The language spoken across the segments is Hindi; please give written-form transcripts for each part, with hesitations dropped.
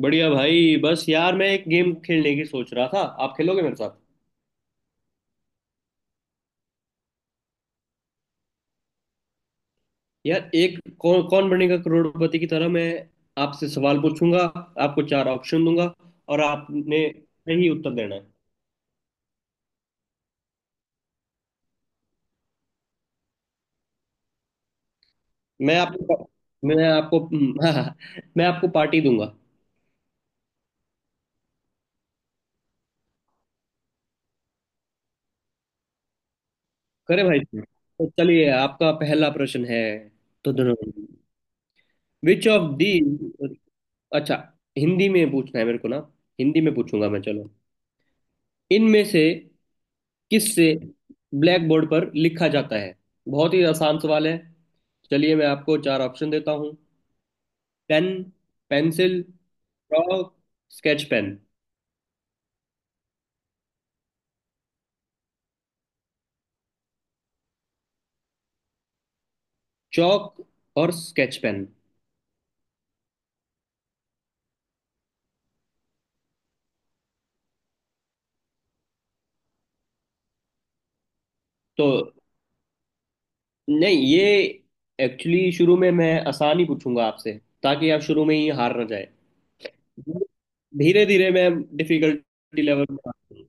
बढ़िया भाई, बस यार मैं एक गेम खेलने की सोच रहा था, आप खेलोगे मेरे साथ? यार एक कौन कौन बनेगा करोड़पति की तरह मैं आपसे सवाल पूछूंगा। आपको चार ऑप्शन दूंगा और आपने सही उत्तर देना है। मैं आपको मैं आपको हाँ, मैं आपको पार्टी दूंगा। करे भाई साहब? तो चलिए, आपका पहला प्रश्न है। तो दोनों विच ऑफ दी अच्छा, हिंदी में पूछना है मेरे को ना। हिंदी में पूछूंगा मैं। चलो, इनमें से किससे ब्लैक बोर्ड पर लिखा जाता है? बहुत ही आसान सवाल है। चलिए मैं आपको चार ऑप्शन देता हूँ। Pen, pencil, chalk, sketch pen. Chalk और स्केच पेन। तो नहीं, ये एक्चुअली शुरू में मैं आसान ही पूछूंगा आपसे, ताकि आप शुरू में ही हार ना जाए। धीरे धीरे मैं डिफिकल्टी लेवल में आता हूँ।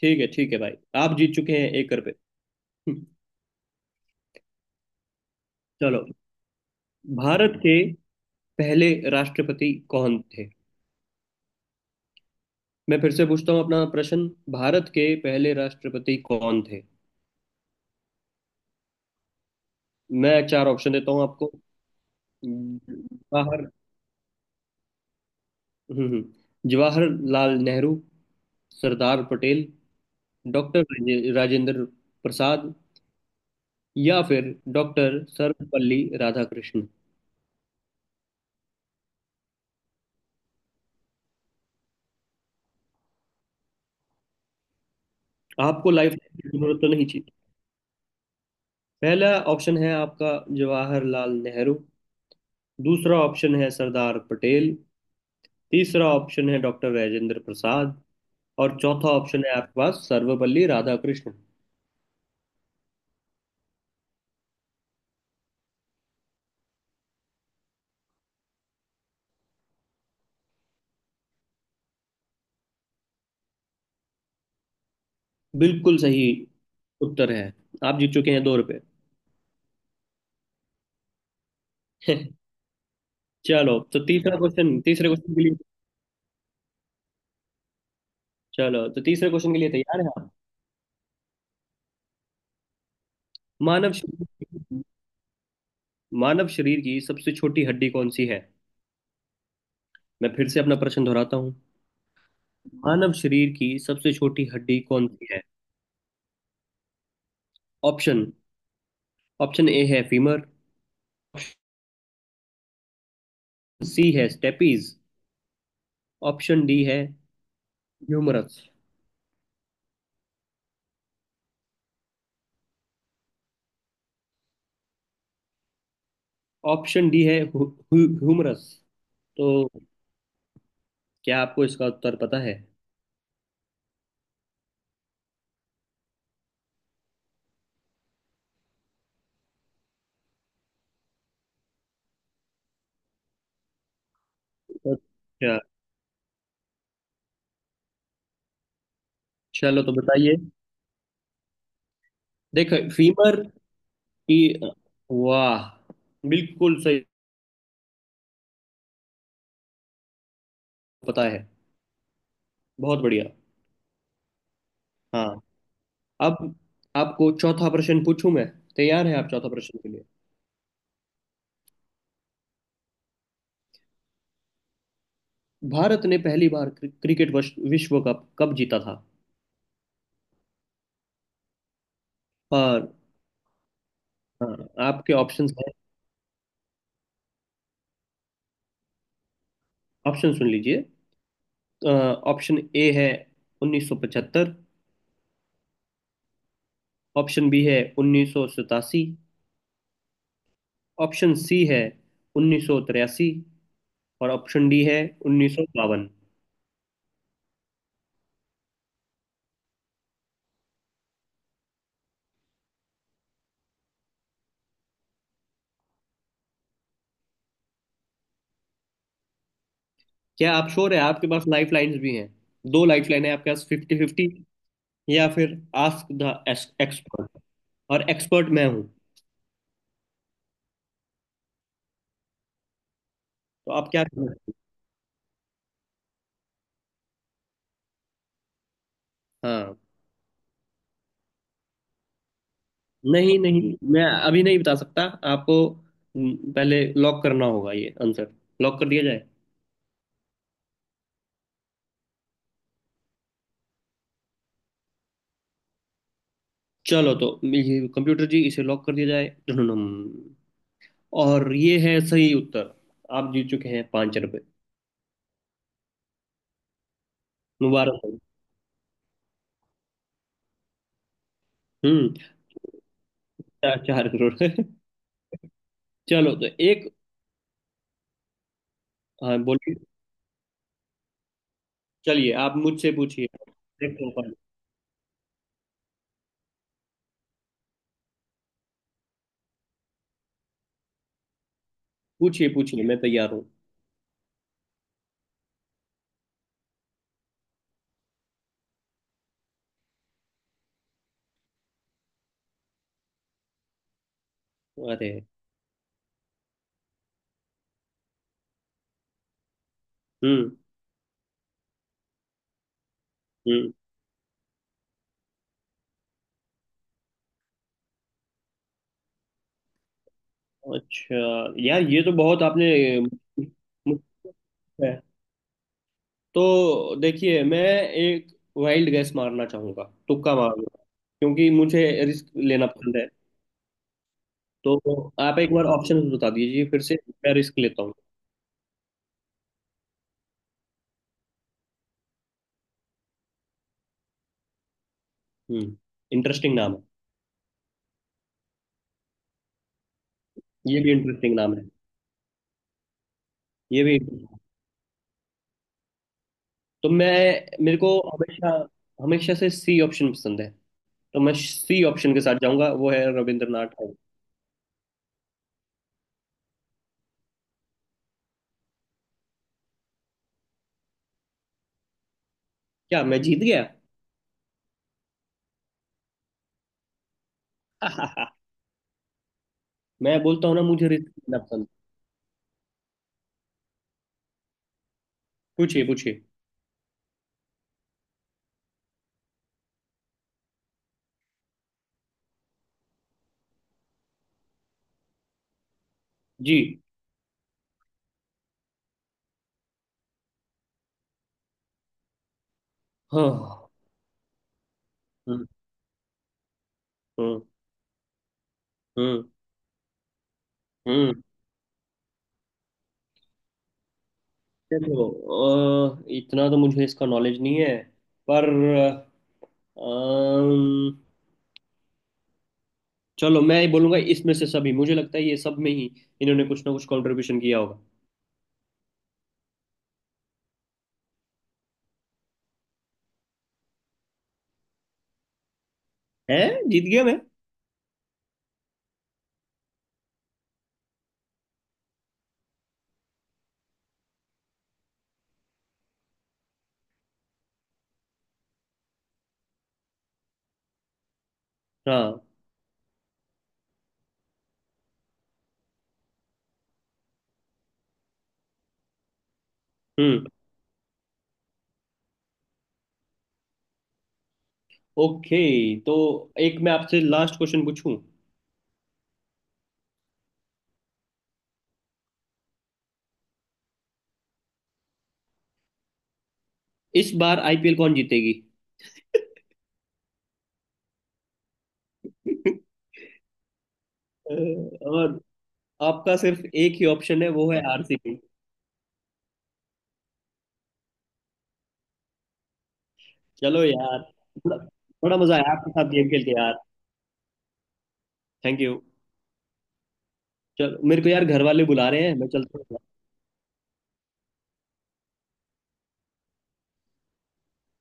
ठीक है भाई। आप जीत चुके हैं एक कर पे। चलो, भारत के पहले राष्ट्रपति कौन थे? मैं फिर से पूछता हूँ अपना प्रश्न। भारत के पहले राष्ट्रपति कौन थे? मैं चार ऑप्शन देता हूँ आपको। जवाहर हम्म हम्म, जवाहरलाल नेहरू, सरदार पटेल, डॉक्टर राजेंद्र प्रसाद, या फिर डॉक्टर सर्वपल्ली राधाकृष्णन। आपको लाइफ की जरूरत तो नहीं चाहिए? पहला ऑप्शन है आपका जवाहरलाल नेहरू। दूसरा ऑप्शन है सरदार पटेल। तीसरा ऑप्शन है डॉक्टर राजेंद्र प्रसाद। और चौथा ऑप्शन है आपके पास सर्वपल्ली राधाकृष्ण। बिल्कुल सही उत्तर है। आप जीत चुके हैं 2 रुपए। चलो, तो तीसरा क्वेश्चन तीसरे क्वेश्चन के लिए। चलो, तो तीसरे क्वेश्चन के लिए तैयार है आप? मानव शरीर मानव शरीर की सबसे छोटी हड्डी कौन सी है? मैं फिर से अपना प्रश्न दोहराता हूँ। मानव शरीर की सबसे छोटी हड्डी कौन सी है? ऑप्शन ऑप्शन ए है फीमर। सी है स्टेपीज। ऑप्शन डी है ह्यूमरस। ऑप्शन डी है ह्यूमरस। तो क्या आपको इसका उत्तर पता है? अच्छा, चलो तो बताइए। देखो, फीमर की... वाह, बिल्कुल सही। पता है। बहुत बढ़िया। हाँ, अब आपको चौथा प्रश्न पूछूं मैं। तैयार हैं आप चौथा प्रश्न के लिए? भारत ने पहली बार क्रिकेट विश्व कप कब जीता था? और हाँ, आपके ऑप्शंस हैं। ऑप्शन सुन लीजिए। अ, ऑप्शन ए है 1975। ऑप्शन बी है 1987। ऑप्शन सी है 1983। और ऑप्शन डी है 1952। क्या आप श्योर है? आपके पास लाइफ लाइन्स भी हैं। दो लाइफ लाइन है आपके पास, फिफ्टी फिफ्टी, या फिर आस्क द एक्सपर्ट, और एक्सपर्ट मैं हूँ। तो आप क्या करेंगे? हाँ, नहीं नहीं, मैं अभी नहीं बता सकता आपको। पहले लॉक करना होगा ये आंसर। लॉक कर दिया जाए? चलो, तो ये कंप्यूटर जी, इसे लॉक कर दिया जाए, धुनुनुम। और ये है सही उत्तर। आप जीत चुके हैं 5 रुपए। मुबारक हो। हम्म। चार चार करोड़। चलो, तो एक... हाँ, बोलिए। चलिए, आप मुझसे पूछिए। देखो अपन- पूछिए पूछिए, मैं तैयार हूँ। अरे, हम्म, हम्म, अच्छा। यार, ये तो बहुत आपने मुझसे है। तो देखिए, मैं एक वाइल्ड गैस मारना चाहूंगा, तुक्का मारूंगा, क्योंकि मुझे रिस्क लेना पसंद है। तो आप एक बार ऑप्शन बता दीजिए फिर से। मैं रिस्क लेता हूँ। हम्म। इंटरेस्टिंग नाम है। ये भी इंटरेस्टिंग नाम है। ये भी। तो मैं मेरे को हमेशा, हमेशा से सी ऑप्शन पसंद है। तो मैं सी ऑप्शन के साथ जाऊंगा, वो है रविंद्रनाथ टैगोर। क्या मैं जीत गया? मैं बोलता हूँ ना, मुझे रिस्क लेना पसंद। पूछिए पूछिए। जी, हाँ, हम्म, हम्म, हम्म, हम्म। देखो, इतना तो मुझे इसका नॉलेज नहीं है, पर अम, चलो मैं ये बोलूंगा, इसमें से सभी। मुझे लगता है ये सब में ही इन्होंने कुछ ना कुछ कंट्रीब्यूशन किया होगा। है, जीत गया मैं। हाँ, हम्म, ओके। तो एक मैं आपसे लास्ट क्वेश्चन पूछूं? इस बार आईपीएल कौन जीतेगी? अ, और आपका सिर्फ एक ही ऑप्शन है, वो है आरसीबी। चलो यार, बड़ा बड़ा मजा आया आपके साथ गेम खेल के, यार। Thank you. चलो, मेरे को यार घर वाले बुला रहे हैं, मैं चलता हूँ।